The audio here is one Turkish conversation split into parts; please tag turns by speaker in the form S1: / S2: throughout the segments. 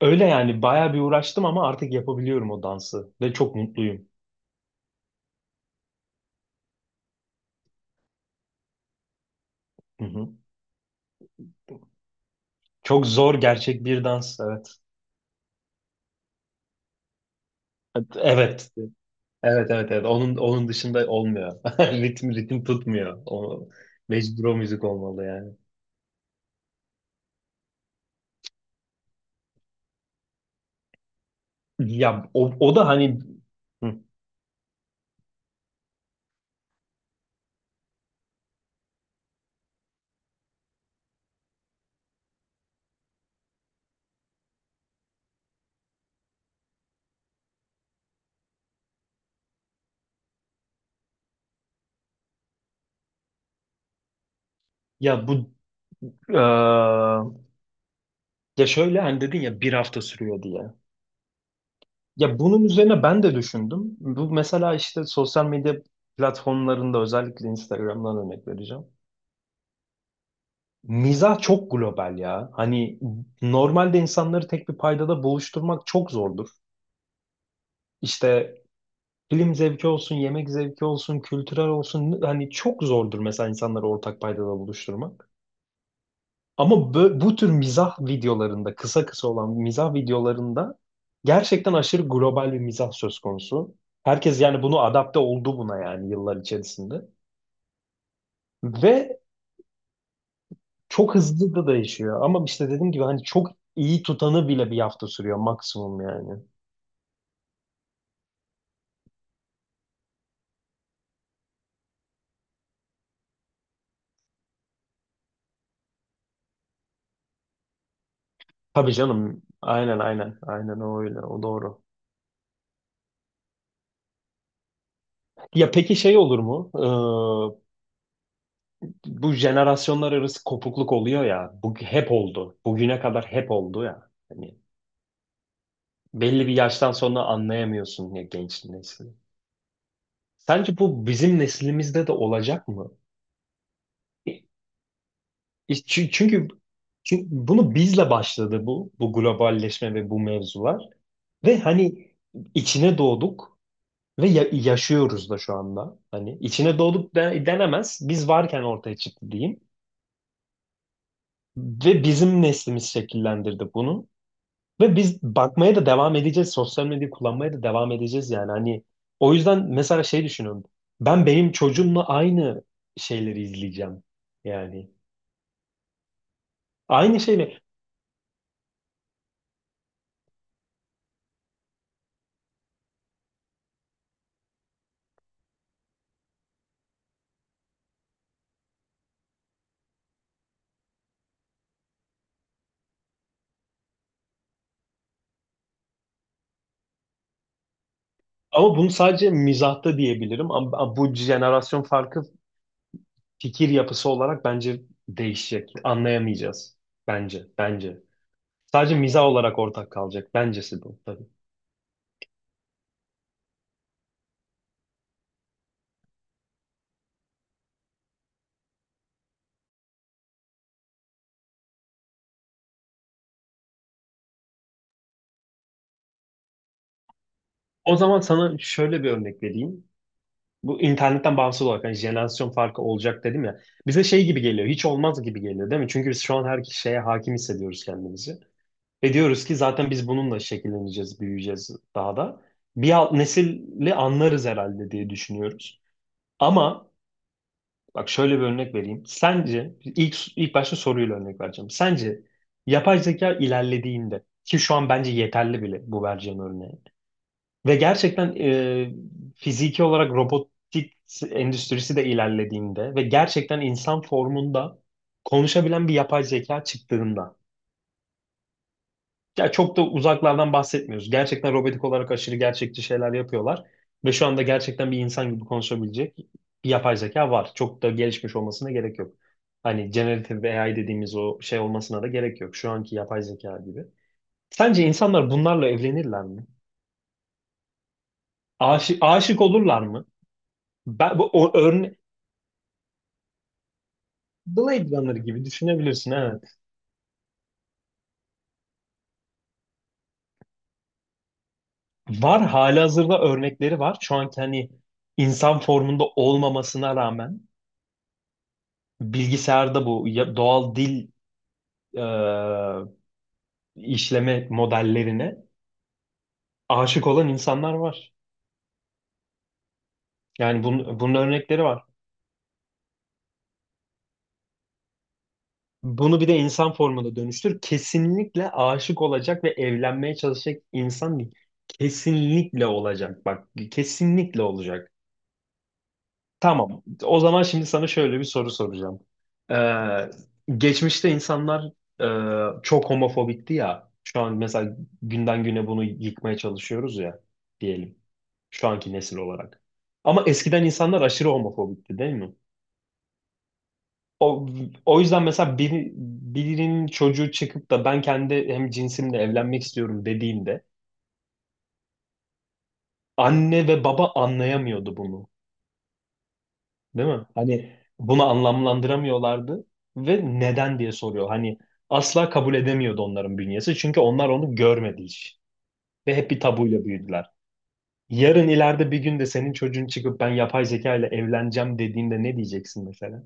S1: Öyle yani bayağı bir uğraştım ama artık yapabiliyorum o dansı ve çok mutluyum. Hı hı. Çok zor gerçek bir dans evet. Evet. Evet evet evet. Onun dışında olmuyor. Ritim tutmuyor. O mecbur o müzik olmalı yani. Ya o, o da hani Hı. ya bu eee, ya şöyle hani dedin ya bir hafta sürüyor diye. Ya bunun üzerine ben de düşündüm. Bu mesela işte sosyal medya platformlarında özellikle Instagram'dan örnek vereceğim. Mizah çok global ya. Hani normalde insanları tek bir paydada buluşturmak çok zordur. İşte film zevki olsun, yemek zevki olsun, kültürel olsun hani çok zordur mesela insanları ortak paydada buluşturmak. Ama bu tür mizah videolarında, kısa kısa olan mizah videolarında gerçekten aşırı global bir mizah söz konusu. Herkes yani bunu adapte oldu buna yani yıllar içerisinde. Ve Çok hızlı da değişiyor ama işte dediğim gibi hani çok iyi tutanı bile bir hafta sürüyor maksimum yani. Tabii canım. Aynen aynen. Aynen o öyle. O doğru. Ya peki şey olur mu? Bu jenerasyonlar arası kopukluk oluyor ya. Bu hep oldu. Bugüne kadar hep oldu ya. Hani belli bir yaştan sonra anlayamıyorsun ya genç nesli. Sence bu bizim neslimizde de olacak mı? Çünkü, çünkü çünkü bunu bizle başladı bu globalleşme ve bu mevzular. Ve hani içine doğduk ve yaşıyoruz da şu anda. Hani içine doğduk denemez. Biz varken ortaya çıktı diyeyim. Ve bizim neslimiz şekillendirdi bunu. Ve biz bakmaya da devam edeceğiz. Sosyal medyayı kullanmaya da devam edeceğiz yani. Hani o yüzden mesela şey düşünüyorum. Ben benim çocuğumla aynı şeyleri izleyeceğim. Yani aynı şeyle. Ama bunu sadece mizahta diyebilirim. Ama bu jenerasyon farkı fikir yapısı olarak bence değişecek. Anlayamayacağız. Bence. Sadece mizah olarak ortak kalacak. Bencesi bu tabii. O zaman sana şöyle bir örnek vereyim. Bu internetten bağımsız olarak hani jenerasyon farkı olacak dedim ya. Bize şey gibi geliyor. Hiç olmaz gibi geliyor değil mi? Çünkü biz şu an her şeye hakim hissediyoruz kendimizi. Ve diyoruz ki zaten biz bununla şekilleneceğiz, büyüyeceğiz daha da. Bir alt nesili anlarız herhalde diye düşünüyoruz. Ama Bak şöyle bir örnek vereyim. Sence ilk başta soruyla örnek vereceğim. Sence yapay zeka ilerlediğinde ki şu an bence yeterli bile bu vereceğim örneği ve gerçekten fiziki olarak robotik endüstrisi de ilerlediğinde ve gerçekten insan formunda konuşabilen bir yapay zeka çıktığında ya çok da uzaklardan bahsetmiyoruz. Gerçekten robotik olarak aşırı gerçekçi şeyler yapıyorlar. Ve şu anda gerçekten bir insan gibi konuşabilecek bir yapay zeka var. Çok da gelişmiş olmasına gerek yok. Hani generative AI dediğimiz o şey olmasına da gerek yok. Şu anki yapay zeka gibi. Sence insanlar bunlarla evlenirler mi? Aşık olurlar mı? Ben, bu, o örne Blade Runner gibi düşünebilirsin evet. Var halihazırda örnekleri var. Şu anki hani insan formunda olmamasına rağmen bilgisayarda bu doğal dil e, işleme modellerine aşık olan insanlar var. Yani bunun örnekleri var. Bunu bir de insan formuna dönüştür. Kesinlikle aşık olacak ve evlenmeye çalışacak insan değil. Kesinlikle olacak. Bak, kesinlikle olacak. Tamam. O zaman şimdi sana şöyle bir soru soracağım. Geçmişte insanlar çok homofobikti ya. Şu an mesela günden güne bunu yıkmaya çalışıyoruz ya diyelim. Şu anki nesil olarak. Ama eskiden insanlar aşırı homofobikti değil mi? O, o yüzden mesela birinin çocuğu çıkıp da ben kendi hem cinsimle evlenmek istiyorum dediğinde anne ve baba anlayamıyordu bunu. Değil mi? Hani bunu anlamlandıramıyorlardı ve neden diye soruyor. Hani asla kabul edemiyordu onların bünyesi. Çünkü onlar onu görmedi hiç. Ve hep bir tabuyla büyüdüler. Yarın ileride bir gün de senin çocuğun çıkıp ben yapay zeka ile evleneceğim dediğinde ne diyeceksin mesela?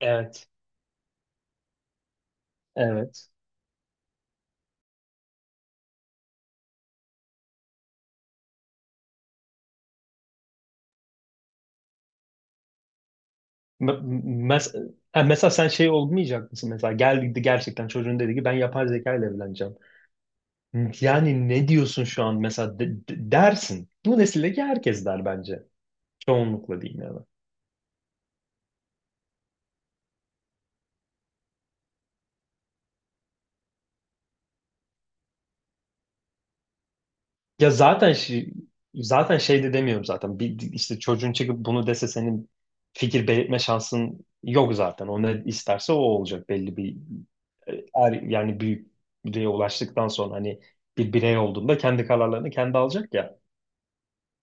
S1: Evet. Evet. Me- mes- ha, Mesela sen şey olmayacak mısın? Mesela geldi gerçekten çocuğun dedi ki ben yapay zeka ile evleneceğim. Yani ne diyorsun şu an mesela dersin. Bu nesildeki herkes der bence. Çoğunlukla diyeyim yani. Ya zaten şey, Zaten şey de demiyorum zaten. Bir, işte çocuğun çıkıp bunu dese senin fikir belirtme şansın yok zaten. O ne isterse o olacak belli bir yani büyüklüğe ulaştıktan sonra hani bir birey olduğunda kendi kararlarını kendi alacak ya.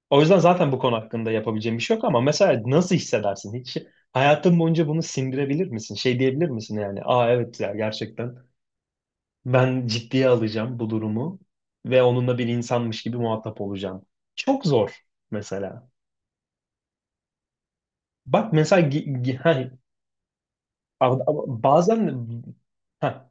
S1: O yüzden zaten bu konu hakkında yapabileceğim bir şey yok ama mesela nasıl hissedersin? Hiç hayatın boyunca bunu sindirebilir misin? Şey diyebilir misin yani? Aa evet ya gerçekten ben ciddiye alacağım bu durumu ve onunla bir insanmış gibi muhatap olacağım. Çok zor mesela. Bak mesela gi- gi- ha, ama- ama bazen ha,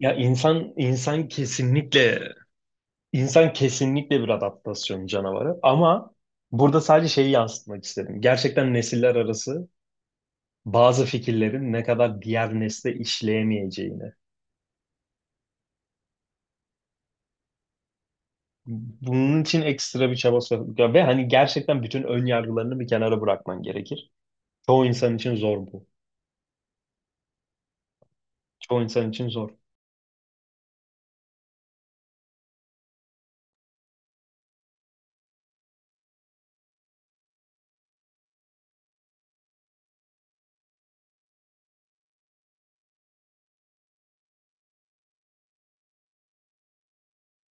S1: ya insan insan kesinlikle insan kesinlikle bir adaptasyon canavarı ama burada sadece şeyi yansıtmak istedim. Gerçekten nesiller arası bazı fikirlerin ne kadar diğer nesle işleyemeyeceğini. Bunun için ekstra bir çaba sarf ya ve hani gerçekten bütün ön yargılarını bir kenara bırakman gerekir. Çoğu insan için zor bu. Çoğu insan için zor.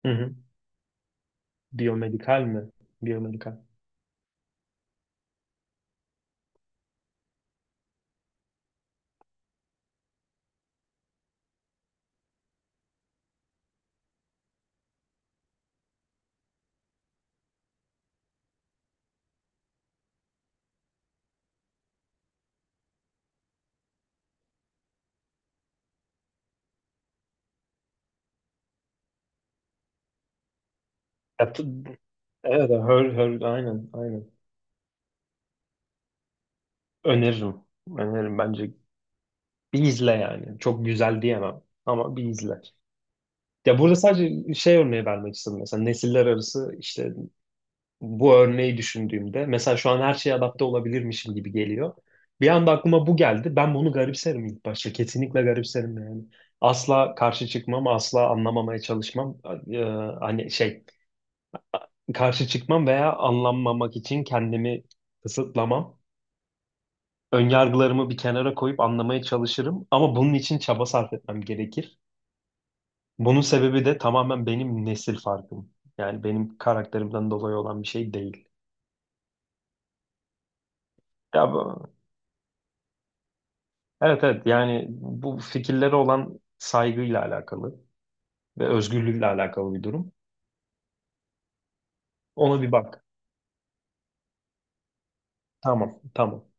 S1: Hı hı. Biyomedikal mi? Biyomedikal. Ya, t- evet, her, her, aynen, aynen. Öneririm. Öneririm bence. Bir izle yani. Çok güzel diyemem ama bir izle. Ya burada sadece şey örneği vermek istedim mesela nesiller arası işte bu örneği düşündüğümde mesela şu an her şeye adapte olabilirmişim gibi geliyor. Bir anda aklıma bu geldi. Ben bunu garipserim ilk başta. Kesinlikle garipserim yani. Asla karşı çıkmam, asla anlamamaya çalışmam. Ee, Hani şey karşı çıkmam veya anlanmamak için kendimi kısıtlamam. Önyargılarımı bir kenara koyup anlamaya çalışırım ama bunun için çaba sarf etmem gerekir. Bunun sebebi de tamamen benim nesil farkım. Yani benim karakterimden dolayı olan bir şey değil. Ya bu. Evet yani bu fikirlere olan saygıyla alakalı ve özgürlükle alakalı bir durum. Ona bir bak. Tamam.